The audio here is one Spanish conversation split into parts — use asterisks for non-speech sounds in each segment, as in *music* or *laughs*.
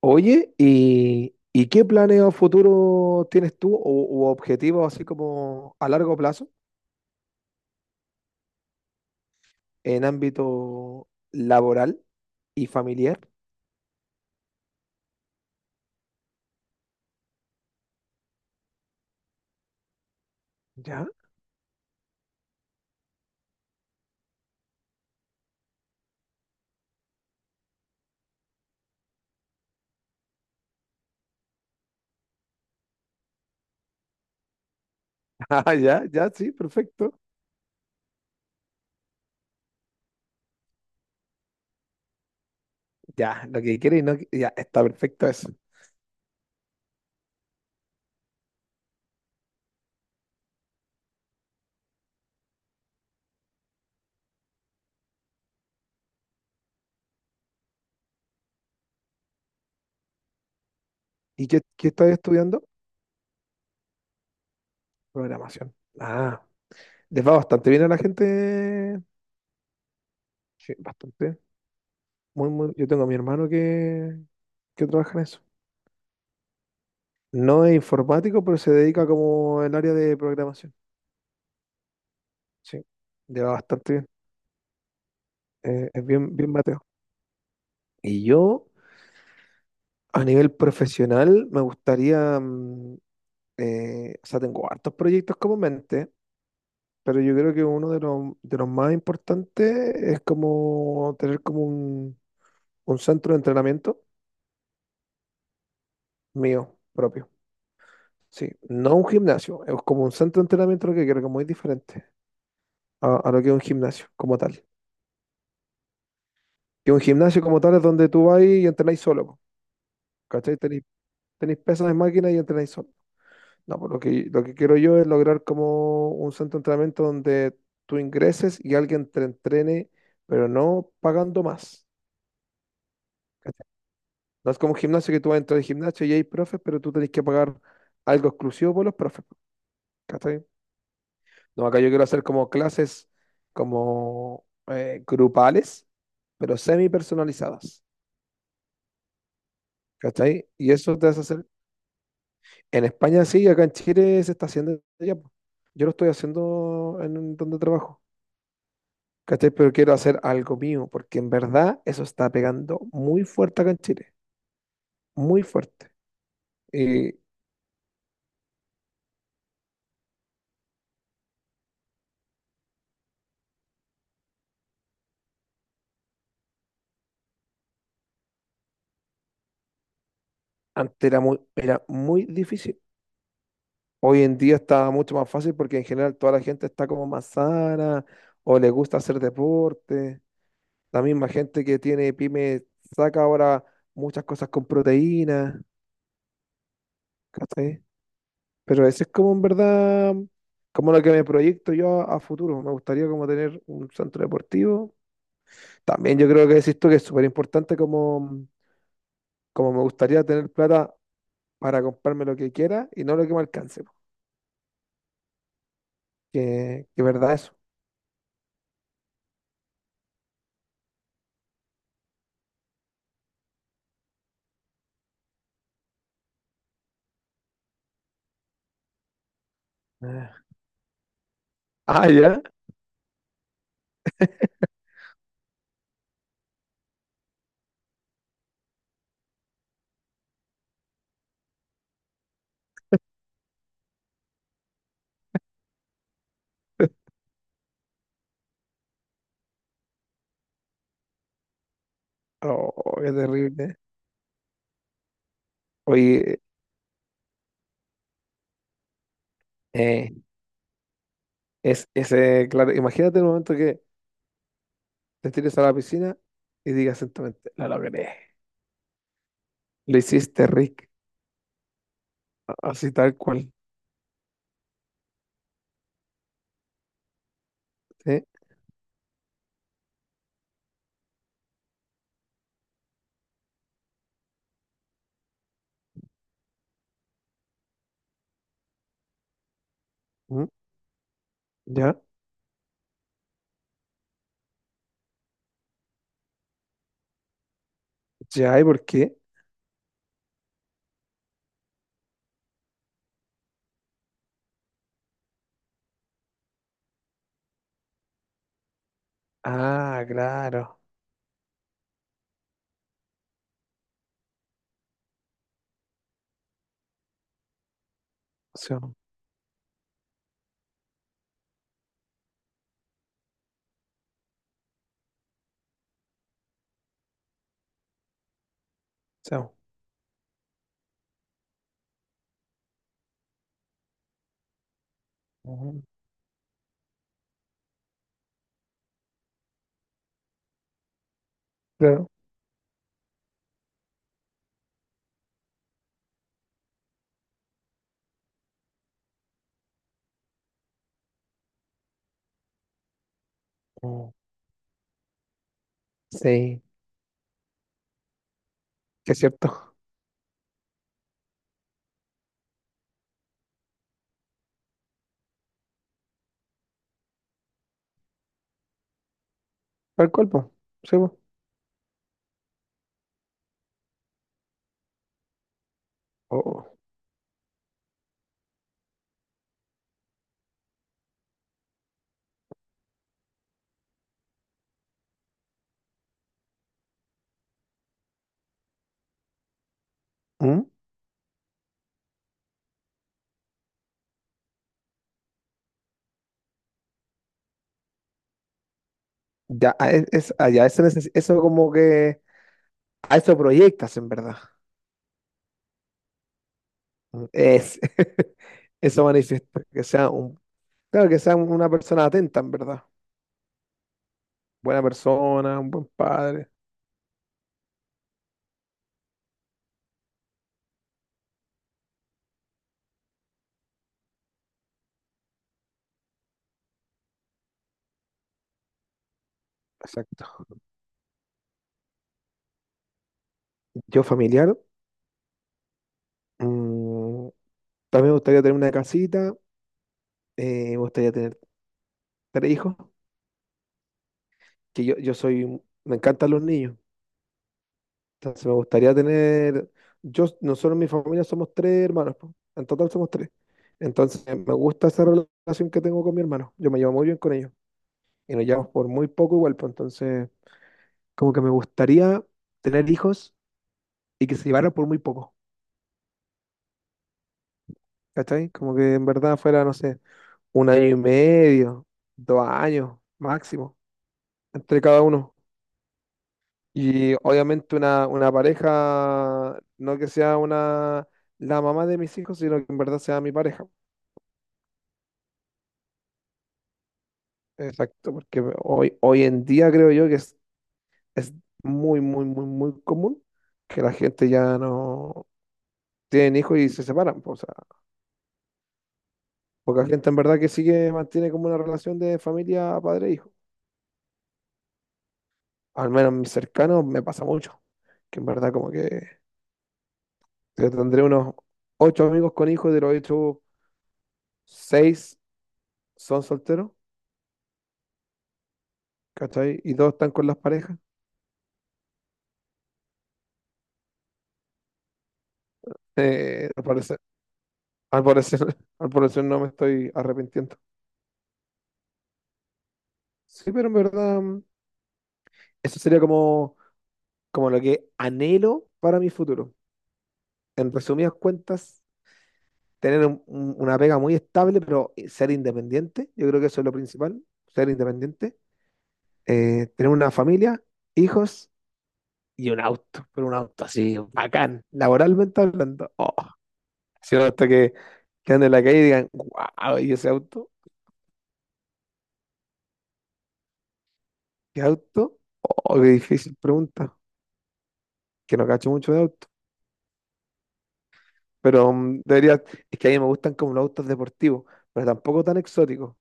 Oye, ¿y qué planes a futuro tienes tú o, u objetivos así como a largo plazo en ámbito laboral y familiar? Ya, *laughs* ah, ya, ya, sí, perfecto. Ya, lo que quieres, y no, ya, está perfecto eso. ¿Y qué estás estudiando? Programación. Ah, les va bastante bien a la gente. Sí, bastante. Muy, muy, yo tengo a mi hermano que trabaja en eso. No es informático, pero se dedica como el área de programación. Sí, le va bastante bien. Es bien, bien Mateo. Y yo, a nivel profesional, me gustaría, o sea, tengo hartos proyectos como mente, pero yo creo que uno de los más importantes es como tener como un centro de entrenamiento mío propio. Sí, no un gimnasio, es como un centro de entrenamiento lo que quiero, que es muy diferente a lo que es un gimnasio como tal. Que un gimnasio como tal es donde tú vas y entrenáis solo, po, ¿cachai? Tenéis pesas de máquina y entrenáis solo. No, pues lo que quiero yo es lograr como un centro de entrenamiento donde tú ingreses y alguien te entrene, pero no pagando más. ¿Cachai? No es como un gimnasio que tú vas a entrar al gimnasio y hay profes, pero tú tenés que pagar algo exclusivo por los profes, pues, ¿cachai? No, acá yo quiero hacer como clases como grupales, pero semi personalizadas. ¿Cachai? Y eso te hace hacer. En España sí, acá en Chile se está haciendo ya, po. Yo lo estoy haciendo en donde trabajo. ¿Cachai? Pero quiero hacer algo mío, porque en verdad eso está pegando muy fuerte acá en Chile, muy fuerte. Y antes era muy difícil. Hoy en día está mucho más fácil porque en general toda la gente está como más sana o le gusta hacer deporte. La misma gente que tiene pyme saca ahora muchas cosas con proteínas, ¿cachai? Pero eso es como en verdad, como lo que me proyecto yo a futuro. Me gustaría como tener un centro deportivo. También yo creo que decís tú que es súper importante como me gustaría tener plata para comprarme lo que quiera y no lo que me alcance, po. Que verdad eso. Ah, ah, ya. Oh, qué terrible. Oye, eh, es ese, claro, imagínate el momento que te tires a la piscina y digas sentamente, la logré. Lo hiciste, Rick. Así tal cual. ¿Sí? ¿Mm? ¿Ya? ¿Ya? ¿Y por qué? Ah, claro. Sí, sí. Ujú. Claro. Mm. Sí, que es cierto. Tal cual, po. Sí, po. Oh. ¿Mm? Ya, ah, ah, ya, eso, eso como que... A eso proyectas, en verdad. Mm, *laughs* eso manifiesta. Que sea un... Claro, que sea una persona atenta, en verdad. Buena persona, un buen padre. Exacto. Yo familiar, mm, también me gustaría tener una casita, me gustaría tener tres hijos, que yo soy, me encantan los niños. Entonces me gustaría tener, yo, nosotros en mi familia somos tres hermanos, po. En total somos tres. Entonces me gusta esa relación que tengo con mi hermano. Yo me llevo muy bien con ellos y nos llevamos por muy poco igual, pues entonces como que me gustaría tener hijos y que se llevaran por muy poco, ¿cachai? Como que en verdad fuera, no sé, un año y medio, dos años máximo entre cada uno. Y obviamente una pareja, no que sea una, la mamá de mis hijos, sino que en verdad sea mi pareja. Exacto, porque hoy en día creo yo que es muy, muy, muy, muy común que la gente ya no tienen hijos y se separan, po. O sea, poca gente en verdad que sigue, mantiene como una relación de familia padre-hijo. Al menos mis cercanos me pasa mucho. Que en verdad como que yo tendré unos ocho amigos con hijos, de los ocho, seis son solteros, ¿cachai? Y dos están con las parejas. *laughs* Eh, al parecer, al parecer, *laughs* al parecer no me estoy arrepintiendo. Sí, pero en verdad... eso sería como, lo que anhelo para mi futuro. En resumidas cuentas, tener una pega muy estable, pero ser independiente. Yo creo que eso es lo principal, ser independiente. Tener una familia, hijos y un auto, pero un auto así, bacán, laboralmente hablando. Oh, si un auto que ande en la calle y digan, wow, ¿y ese auto? ¿Qué auto? Oh, qué difícil pregunta, que no cacho mucho de auto. Pero debería, es que a mí me gustan como los autos deportivos, pero tampoco tan exóticos,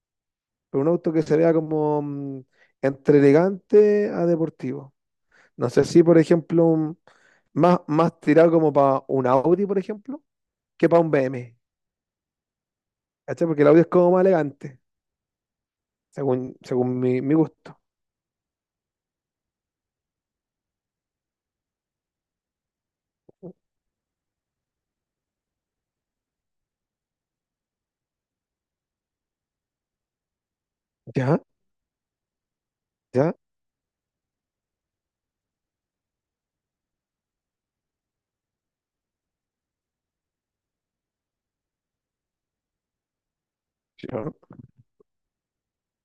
pero un auto que se vea como entre elegante a deportivo. No sé si, por ejemplo, más tirado como para un Audi, por ejemplo, que para un BM. ¿Cachai? Porque el Audi es como más elegante, según mi gusto. Ya, ya, ya,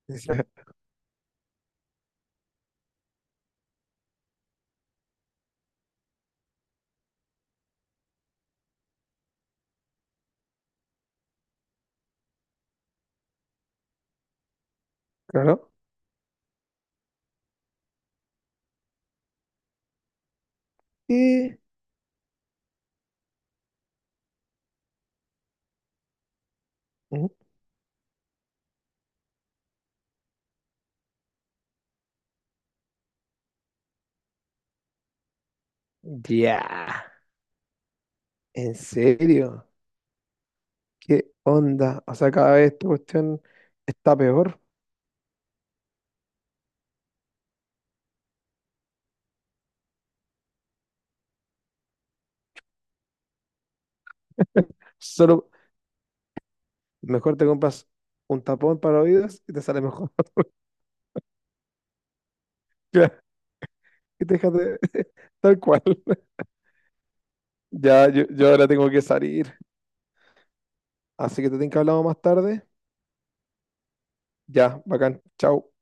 ya, claro. Y- ujú. Ya, ¿en serio? ¿Qué onda? O sea, cada vez esta cuestión está peor. Solo mejor te compras un tapón para oídos y te sale mejor. *laughs* Déjate, *laughs* tal cual. Ya, yo ahora tengo que salir. Así que te tengo que hablar más tarde. Ya, bacán. Chao.